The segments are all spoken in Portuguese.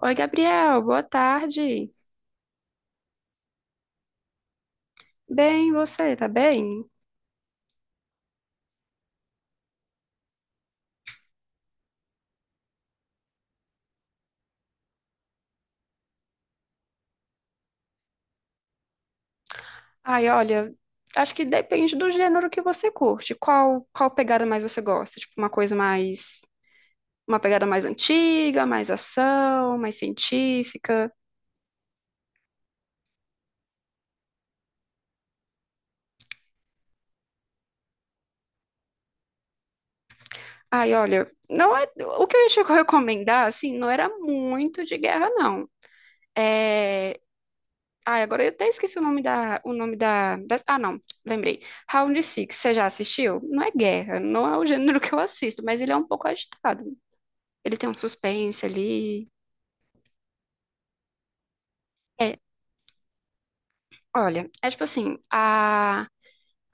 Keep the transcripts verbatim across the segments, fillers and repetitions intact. Oi, Gabriel, boa tarde. Bem, você, tá bem? Ai, olha, acho que depende do gênero que você curte. Qual, qual pegada mais você gosta? Tipo, uma coisa mais, uma pegada mais antiga, mais ação, mais científica. Ai, olha, não é, o que eu ia te recomendar, assim, não era muito de guerra, não. É, ai, agora eu até esqueci o nome da, o nome da, da- ah, não, lembrei. Round Six, você já assistiu? Não é guerra, não é o gênero que eu assisto, mas ele é um pouco agitado. Ele tem um suspense ali. É, olha, é tipo assim, a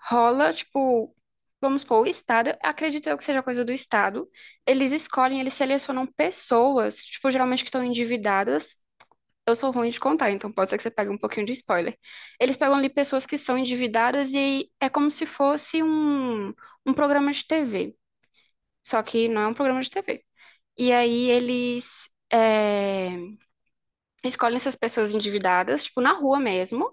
rola, tipo, vamos supor, o Estado, acredito eu que seja coisa do Estado. Eles escolhem, eles selecionam pessoas, tipo, geralmente que estão endividadas. Eu sou ruim de contar, então pode ser que você pegue um pouquinho de spoiler. Eles pegam ali pessoas que são endividadas e é como se fosse um, um programa de T V. Só que não é um programa de T V. E aí eles. é, escolhem essas pessoas endividadas, tipo, na rua mesmo,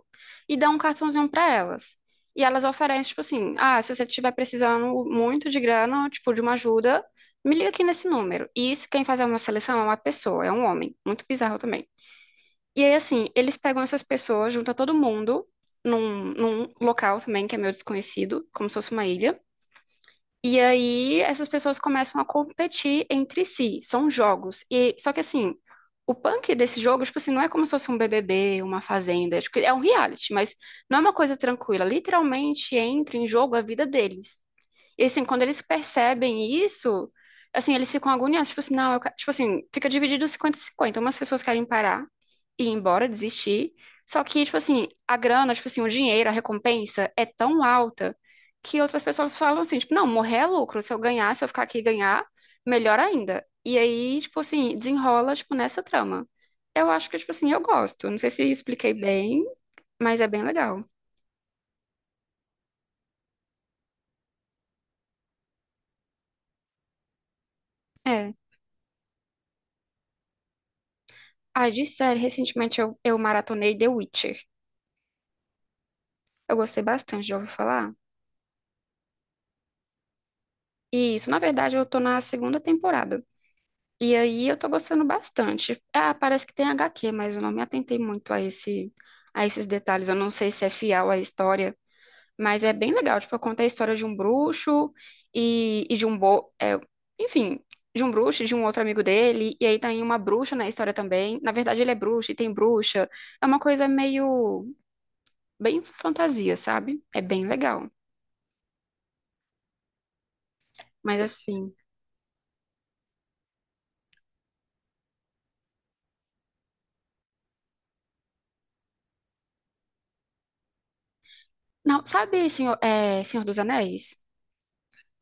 e dão um cartãozinho pra elas. E elas oferecem, tipo assim, ah, se você estiver precisando muito de grana, tipo, de uma ajuda, me liga aqui nesse número. E isso, quem faz uma seleção é uma pessoa, é um homem. Muito bizarro também. E aí, assim, eles pegam essas pessoas, juntam todo mundo num, num local também que é meio desconhecido, como se fosse uma ilha. E aí essas pessoas começam a competir entre si, são jogos. E só que assim, o punk desse jogo, tipo assim, não é como se fosse um B B B, uma fazenda, é, tipo, é um reality, mas não é uma coisa tranquila. Literalmente entra em jogo a vida deles. E assim, quando eles percebem isso, assim, eles ficam agoniados, tipo assim, não, eu, ca- tipo assim, fica dividido cinquenta a cinquenta. Umas pessoas querem parar e ir embora, desistir. Só que, tipo assim, a grana, tipo assim, o dinheiro, a recompensa é tão alta que outras pessoas falam assim, tipo, não, morrer é lucro. Se eu ganhar, se eu ficar aqui e ganhar, melhor ainda. E aí, tipo assim, desenrola, tipo, nessa trama. Eu acho que, tipo assim, eu gosto. Não sei se expliquei bem, mas é bem legal. É. Ah, de série, recentemente eu, eu maratonei The Witcher. Eu gostei bastante, já ouvi falar? Isso, na verdade, eu tô na segunda temporada. E aí eu tô gostando bastante. Ah, parece que tem H Q, mas eu não me atentei muito a esse, a esses detalhes. Eu não sei se é fiel à história, mas é bem legal. Tipo, conta a história de um bruxo e, e de um bo... é, enfim, de um bruxo e de um outro amigo dele. E aí tem uma bruxa na história também. Na verdade, ele é bruxo e tem bruxa. É uma coisa meio... bem fantasia, sabe? É bem legal. Mas assim... Não, sabe, senhor, é, Senhor dos Anéis?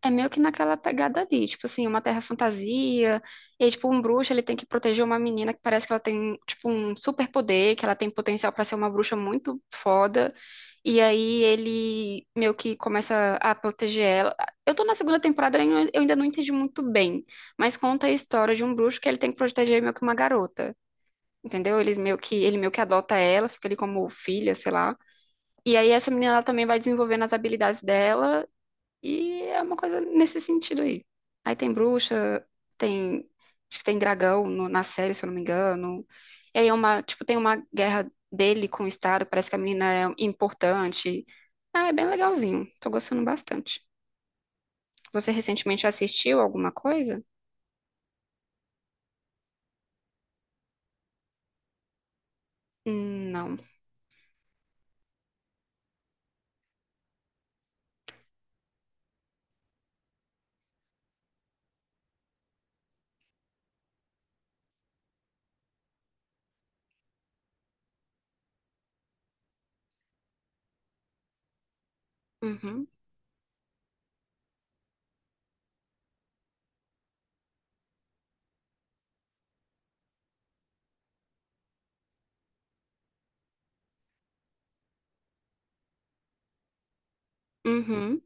É meio que naquela pegada ali, tipo assim, uma terra fantasia, e aí, tipo, um bruxo, ele tem que proteger uma menina que parece que ela tem, tipo, um superpoder, que ela tem potencial pra ser uma bruxa muito foda, e aí ele meio que começa a proteger ela. Eu tô na segunda temporada e eu eu ainda não entendi muito bem, mas conta a história de um bruxo que ele tem que proteger meio que uma garota, entendeu? Eles meio que, ele meio que adota ela, fica ali como filha, sei lá. E aí essa menina ela também vai desenvolvendo as habilidades dela e é uma coisa nesse sentido aí. Aí tem bruxa, tem acho que tem dragão no- na série, se eu não me engano. E aí é uma, tipo, tem uma guerra dele com o Estado, parece que a menina é importante. Ah, é bem legalzinho. Tô gostando bastante. Você recentemente assistiu alguma coisa? Hum, Não. Uhum. Uhum.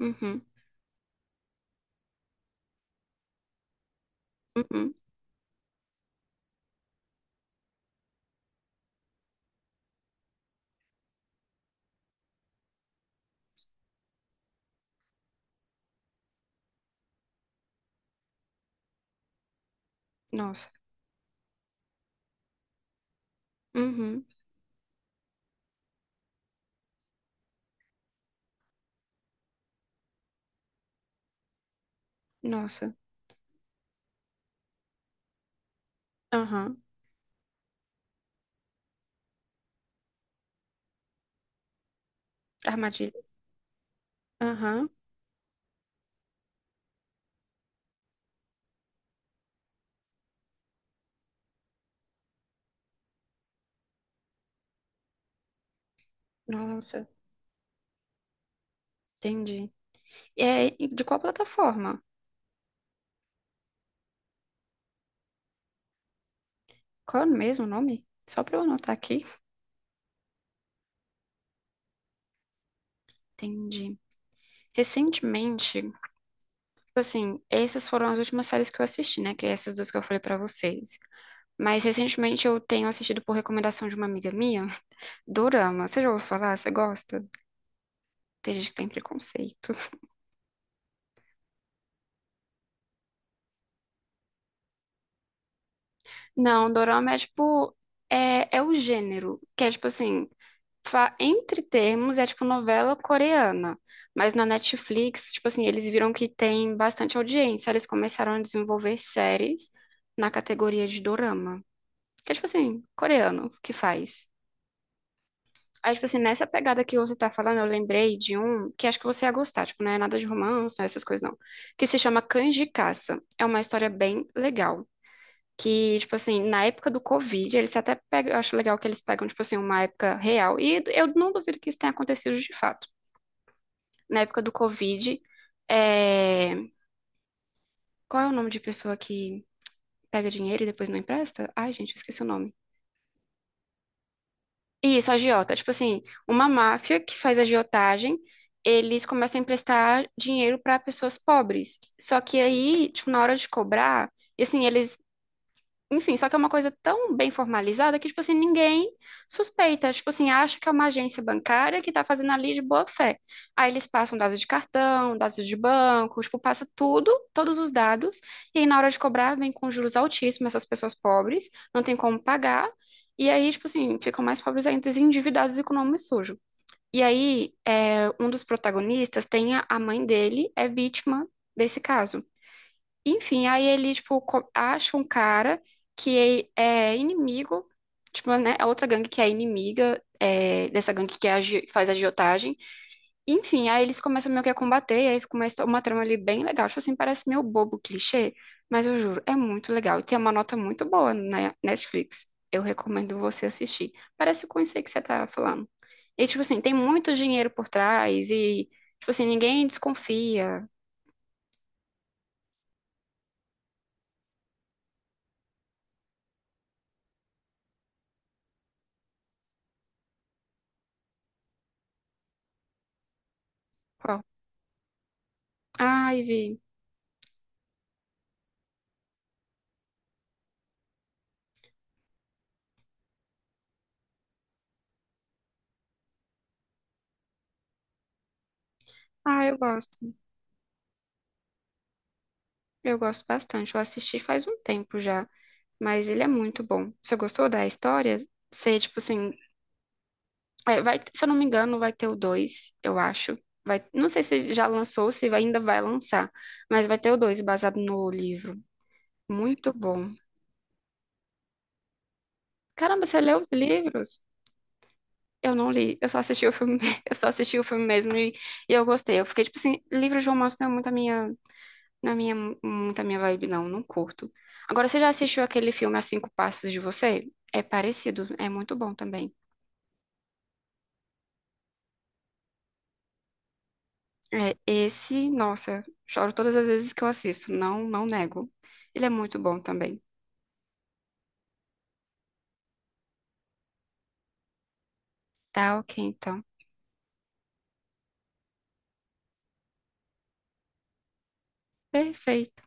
Uhum. Uhum. Nossa. Uhum. Nossa. Aham. Armadilhas. Aham. Nossa. Entendi. É, e de qual plataforma? Qual é mesmo o nome? Só pra eu anotar aqui. Entendi. Recentemente, tipo assim, essas foram as últimas séries que eu assisti, né? Que é essas duas que eu falei pra vocês. Mas recentemente eu tenho assistido por recomendação de uma amiga minha, Dorama. Você já ouviu falar? Você gosta? Tem gente que tem preconceito. Não, Dorama é tipo. É, é o gênero, que é tipo assim. fa- entre termos, é tipo novela coreana. Mas na Netflix, tipo assim, eles viram que tem bastante audiência. Eles começaram a desenvolver séries na categoria de dorama. Que é tipo assim, coreano que faz. Aí, tipo assim, nessa pegada que você tá falando, eu lembrei de um que acho que você ia gostar. Tipo, não é nada de romance, né, essas coisas não. Que se chama Cães de Caça. É uma história bem legal. Que, tipo assim, na época do Covid, eles até pegam, eu acho legal que eles pegam, tipo assim, uma época real. E eu não duvido que isso tenha acontecido de fato. Na época do Covid. É... Qual é o nome de pessoa que pega dinheiro e depois não empresta? Ai, gente, eu esqueci o nome. Isso, agiota. Tipo assim, uma máfia que faz agiotagem, eles começam a emprestar dinheiro para pessoas pobres. Só que aí, tipo, na hora de cobrar, e assim, eles enfim, só que é uma coisa tão bem formalizada que, tipo assim, ninguém suspeita. Tipo assim, acha que é uma agência bancária que tá fazendo ali de boa fé. Aí eles passam dados de cartão, dados de banco, tipo, passa tudo, todos os dados. E aí, na hora de cobrar, vem com juros altíssimos essas pessoas pobres, não tem como pagar. E aí, tipo assim, ficam mais pobres ainda, endividados e com o nome sujo. E aí, é, um dos protagonistas tem a a mãe dele, é vítima desse caso. Enfim, aí ele, tipo, co- acha um cara que é inimigo, tipo, né, a outra gangue que é inimiga é, dessa gangue que é agi- faz agiotagem. Enfim, aí eles começam meio que a combater, e aí fica uma histó- uma trama ali bem legal. Tipo assim, parece meio bobo, clichê, mas eu juro, é muito legal. E tem uma nota muito boa na Netflix. Eu recomendo você assistir. Parece com isso aí que você tá falando. E, tipo assim, tem muito dinheiro por trás e, tipo assim, ninguém desconfia. Ó. Ai, vi. Ah, eu gosto. Eu gosto bastante. Eu assisti faz um tempo já, mas ele é muito bom. Você gostou da história? Você, tipo assim, é, vai, se eu não me engano, vai ter o dois, eu acho. Vai, não sei se já lançou, se vai- ainda vai lançar, mas vai ter o dois baseado no livro. Muito bom. Caramba, você leu os livros? Eu não li, eu só assisti o filme, eu só assisti o filme mesmo e, e eu gostei. Eu fiquei tipo assim, livro de romance não é muito a minha não é minha, hum, muita minha vibe, não, não curto. Agora, você já assistiu aquele filme A Cinco Passos de Você? É parecido, é muito bom também. É, esse, nossa, choro todas as vezes que eu assisto, não, não nego. Ele é muito bom também. Tá ok, então. Perfeito.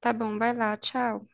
Tá bom, vai lá, tchau.